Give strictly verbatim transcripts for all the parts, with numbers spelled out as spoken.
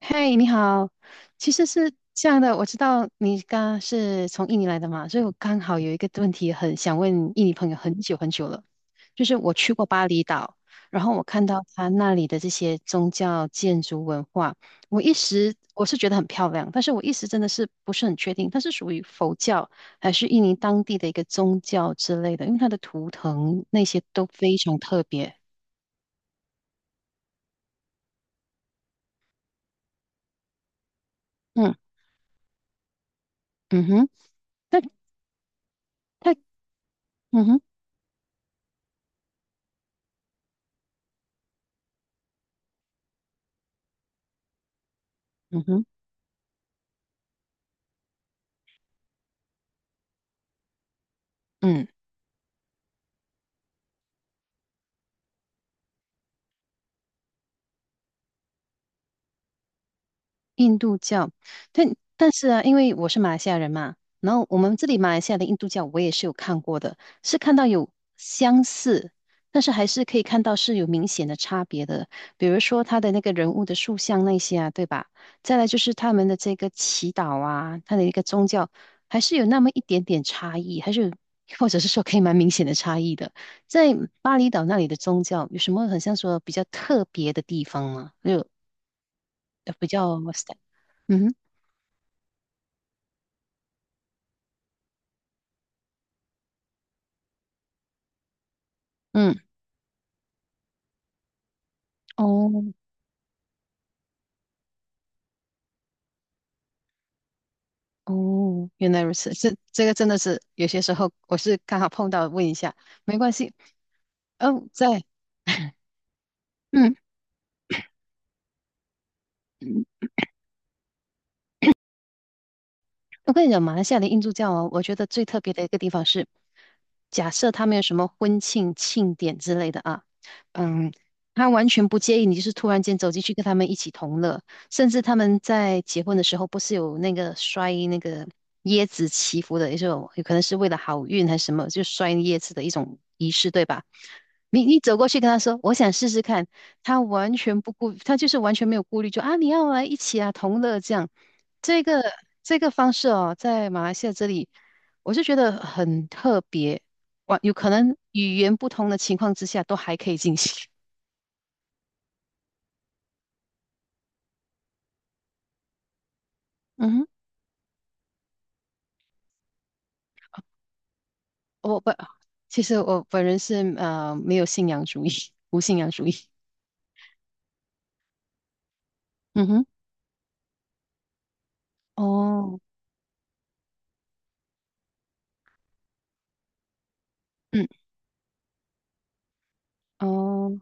嗨，你好。其实是这样的，我知道你刚是从印尼来的嘛，所以我刚好有一个问题很想问印尼朋友很久很久了，就是我去过巴厘岛，然后我看到他那里的这些宗教建筑文化，我一时我是觉得很漂亮，但是我一时真的是不是很确定，它是属于佛教还是印尼当地的一个宗教之类的，因为它的图腾那些都非常特别。嗯嗯哼，它它嗯哼嗯哼嗯。印度教。但但是啊，因为我是马来西亚人嘛，然后我们这里马来西亚的印度教我也是有看过的，是看到有相似，但是还是可以看到是有明显的差别的，比如说他的那个人物的塑像那些啊，对吧？再来就是他们的这个祈祷啊，他的一个宗教，还是有那么一点点差异，还是有或者是说可以蛮明显的差异的。在巴厘岛那里的宗教有什么很像说比较特别的地方吗？就呃比较嗯哼嗯，哦哦，原来如此，这这个真的是有些时候我是刚好碰到，问一下，没关系。嗯，在嗯。我跟你讲，马来西亚的印度教哦，我觉得最特别的一个地方是，假设他们有什么婚庆庆典之类的啊，嗯，他完全不介意你就是突然间走进去跟他们一起同乐，甚至他们在结婚的时候不是有那个摔那个椰子祈福的一种，有可能是为了好运还是什么，就摔椰子的一种仪式，对吧？你你走过去跟他说，我想试试看，他完全不顾，他就是完全没有顾虑，就啊，你要来一起啊，同乐这样。这个这个方式哦，在马来西亚这里，我是觉得很特别。哇，有可能语言不同的情况之下，都还可以进行。嗯哼，我不，其实我本人是呃没有信仰主义，无信仰主义。嗯哼，哦，嗯，哦，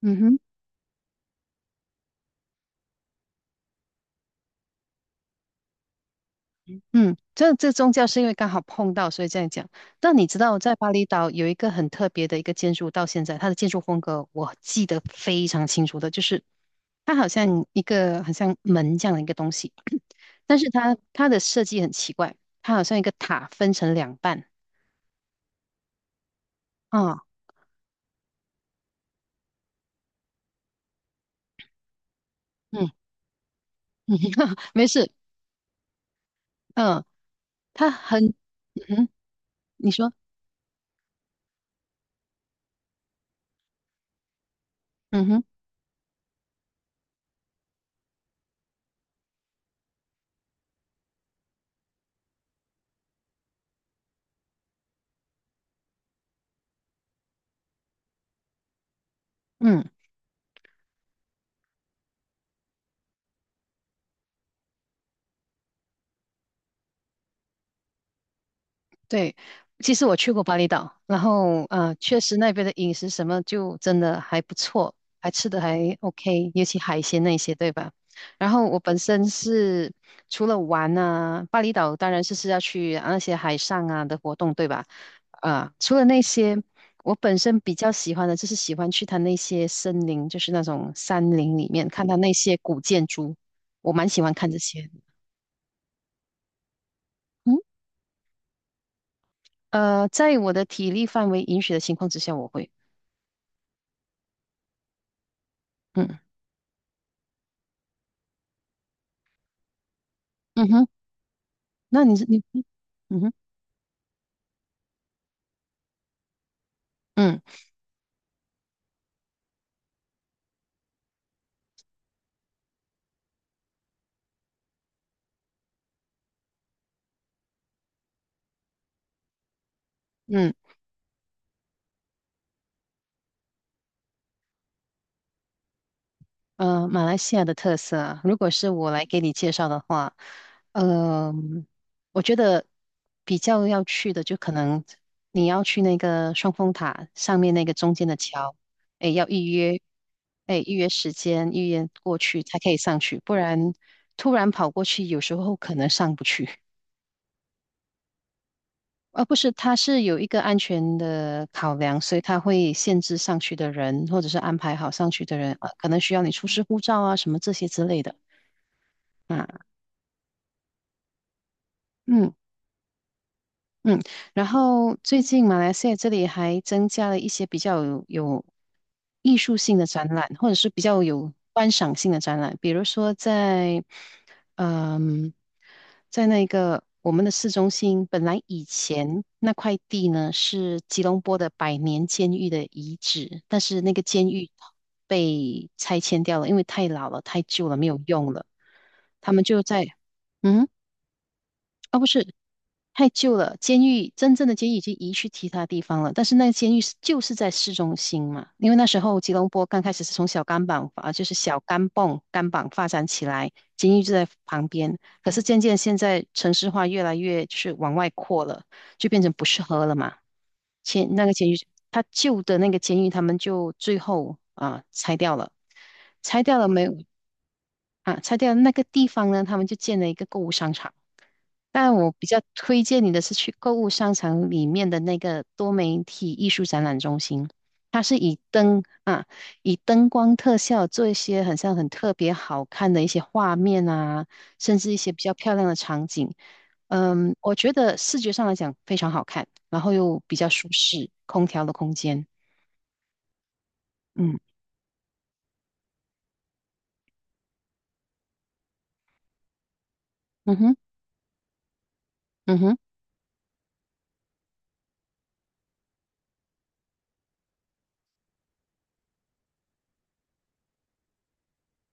嗯哼。嗯，这这宗教是因为刚好碰到，所以这样讲。那你知道在巴厘岛有一个很特别的一个建筑，到现在它的建筑风格我记得非常清楚的，就是它好像一个好像门这样的一个东西，但是它它的设计很奇怪，它好像一个塔分成两半啊，嗯嗯，没事，嗯，它很嗯哼你说，嗯哼。嗯。对，其实我去过巴厘岛，然后呃，确实那边的饮食什么就真的还不错，还吃的还 OK,尤其海鲜那些，对吧？然后我本身是除了玩啊，巴厘岛当然是是要去啊那些海上啊的活动，对吧？啊、除了那些，我本身比较喜欢的就是喜欢去它那些森林，就是那种山林里面看它那些古建筑，我蛮喜欢看这些的。嗯，呃，在我的体力范围允许的情况之下，我会。嗯嗯哼，那你是你嗯哼嗯嗯呃，马来西亚的特色啊，如果是我来给你介绍的话，呃，我觉得比较要去的就可能你要去那个双峰塔上面那个中间的桥，哎，要预约，哎，预约时间，预约过去才可以上去，不然突然跑过去，有时候可能上不去。呃，不是，它是有一个安全的考量，所以它会限制上去的人，或者是安排好上去的人，呃，可能需要你出示护照啊，什么这些之类的。啊，嗯。嗯，然后最近马来西亚这里还增加了一些比较有有艺术性的展览，或者是比较有观赏性的展览，比如说在，嗯，在那个我们的市中心，本来以前那块地呢是吉隆坡的百年监狱的遗址，但是那个监狱被拆迁掉了，因为太老了、太旧了，没有用了，他们就在，嗯，啊不是。太旧了，监狱真正的监狱已经移去其他地方了，但是那个监狱是就是在市中心嘛，因为那时候吉隆坡刚开始是从小甘榜啊，就是小甘榜甘榜发展起来，监狱就在旁边，可是渐渐现在城市化越来越就是往外扩了，就变成不适合了嘛。前那个监狱，他旧的那个监狱，他们就最后啊拆掉了，拆掉了没有啊？拆掉了那个地方呢，他们就建了一个购物商场。但我比较推荐你的是去购物商场里面的那个多媒体艺术展览中心，它是以灯啊，以灯光特效做一些很像很特别好看的一些画面啊，甚至一些比较漂亮的场景。嗯，我觉得视觉上来讲非常好看，然后又比较舒适，空调的空间。嗯嗯哼嗯哼，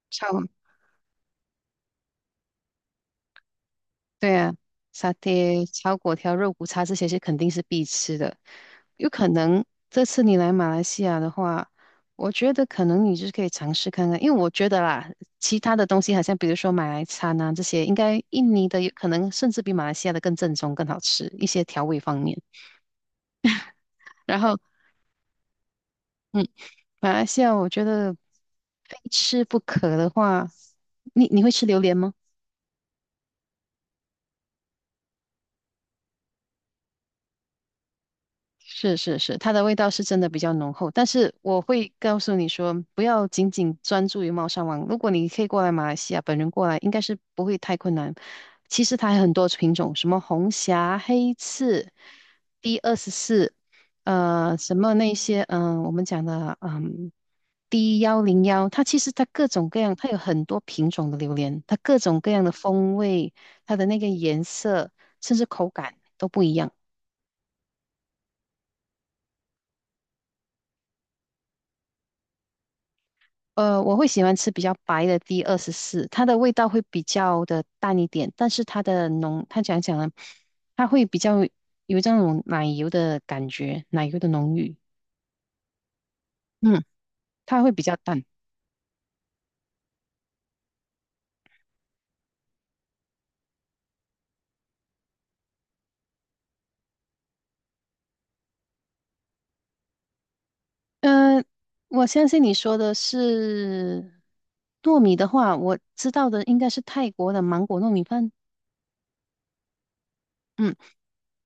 超。对啊，沙爹、炒粿条、肉骨茶这些是肯定是必吃的。有可能这次你来马来西亚的话，我觉得可能你就是可以尝试看看，因为我觉得啦，其他的东西好像比如说马来餐啊这些，应该印尼的有可能甚至比马来西亚的更正宗、更好吃一些调味方面。然后，嗯，马来西亚我觉得非吃不可的话，你你会吃榴莲吗？是是是，它的味道是真的比较浓厚，但是我会告诉你说，不要仅仅专注于猫山王。如果你可以过来马来西亚，本人过来应该是不会太困难。其实它还有很多品种，什么红霞、黑刺、D 二十四，呃，什么那些，嗯、我们讲的，嗯，D 幺零幺，它其实它各种各样，它有很多品种的榴莲，它各种各样的风味，它的那个颜色，甚至口感都不一样。呃，我会喜欢吃比较白的 D 二十四，它的味道会比较的淡一点，但是它的浓，它讲讲呢，它会比较有这种奶油的感觉，奶油的浓郁，嗯，它会比较淡。嗯、我相信你说的是糯米的话，我知道的应该是泰国的芒果糯米饭，嗯。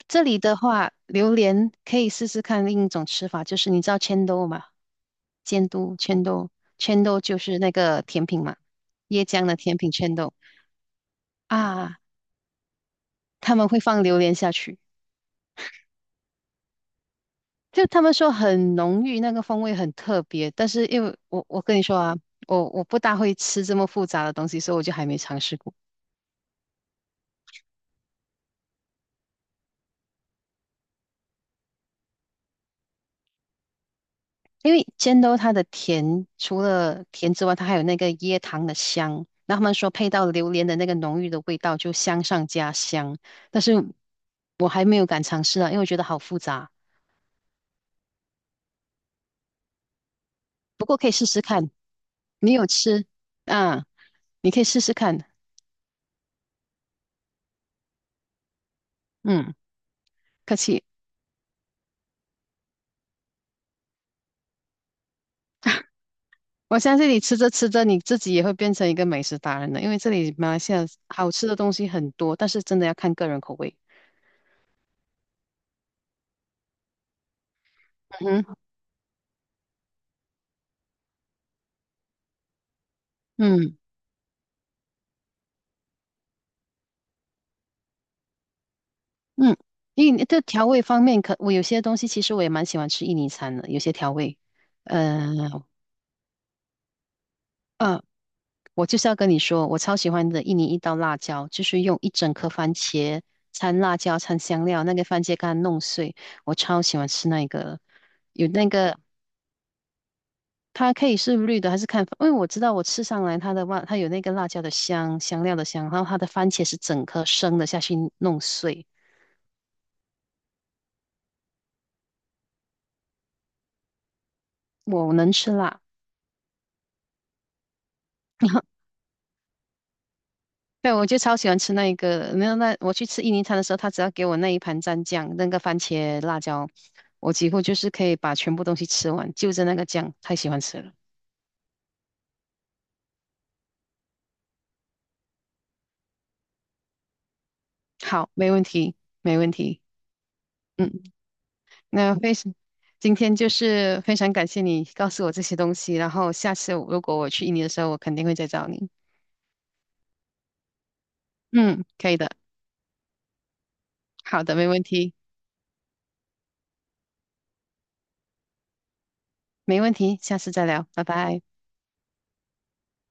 这里的话，榴莲可以试试看另一种吃法，就是你知道千豆吗？监督千豆，千豆就是那个甜品嘛，椰浆的甜品千豆啊，他们会放榴莲下去，就他们说很浓郁，那个风味很特别。但是因为我我跟你说啊，我我不大会吃这么复杂的东西，所以我就还没尝试过。因为煎豆它的甜，除了甜之外，它还有那个椰糖的香。那他们说配到榴莲的那个浓郁的味道，就香上加香。但是我还没有敢尝试啊，因为我觉得好复杂。不过可以试试看，你有吃啊？你可以试试看。嗯，客气。我相信你吃着吃着，你自己也会变成一个美食达人的。因为这里马来西亚好吃的东西很多，但是真的要看个人口味。嗯哼，嗯。嗯，印尼的调味方面可，我有些东西其实我也蛮喜欢吃印尼餐的，有些调味，呃呃，我就是要跟你说，我超喜欢的印尼一道辣椒，就是用一整颗番茄掺辣椒掺香料，那个番茄干弄碎，我超喜欢吃那个，有那个它可以是绿的还是看，因为我知道我吃上来它的辣，它有那个辣椒的香，香料的香，然后它的番茄是整颗生的下去弄碎，我能吃辣。对，我就超喜欢吃那一个的。没有那我去吃印尼餐的时候，他只要给我那一盘蘸酱，那个番茄辣椒，我几乎就是可以把全部东西吃完，就着那个酱，太喜欢吃了。好，没问题，没问题。嗯，那非常，今天就是非常感谢你告诉我这些东西，然后下次如果我去印尼的时候，我肯定会再找你。嗯，可以的，好的，没问题，没问题，下次再聊，拜拜。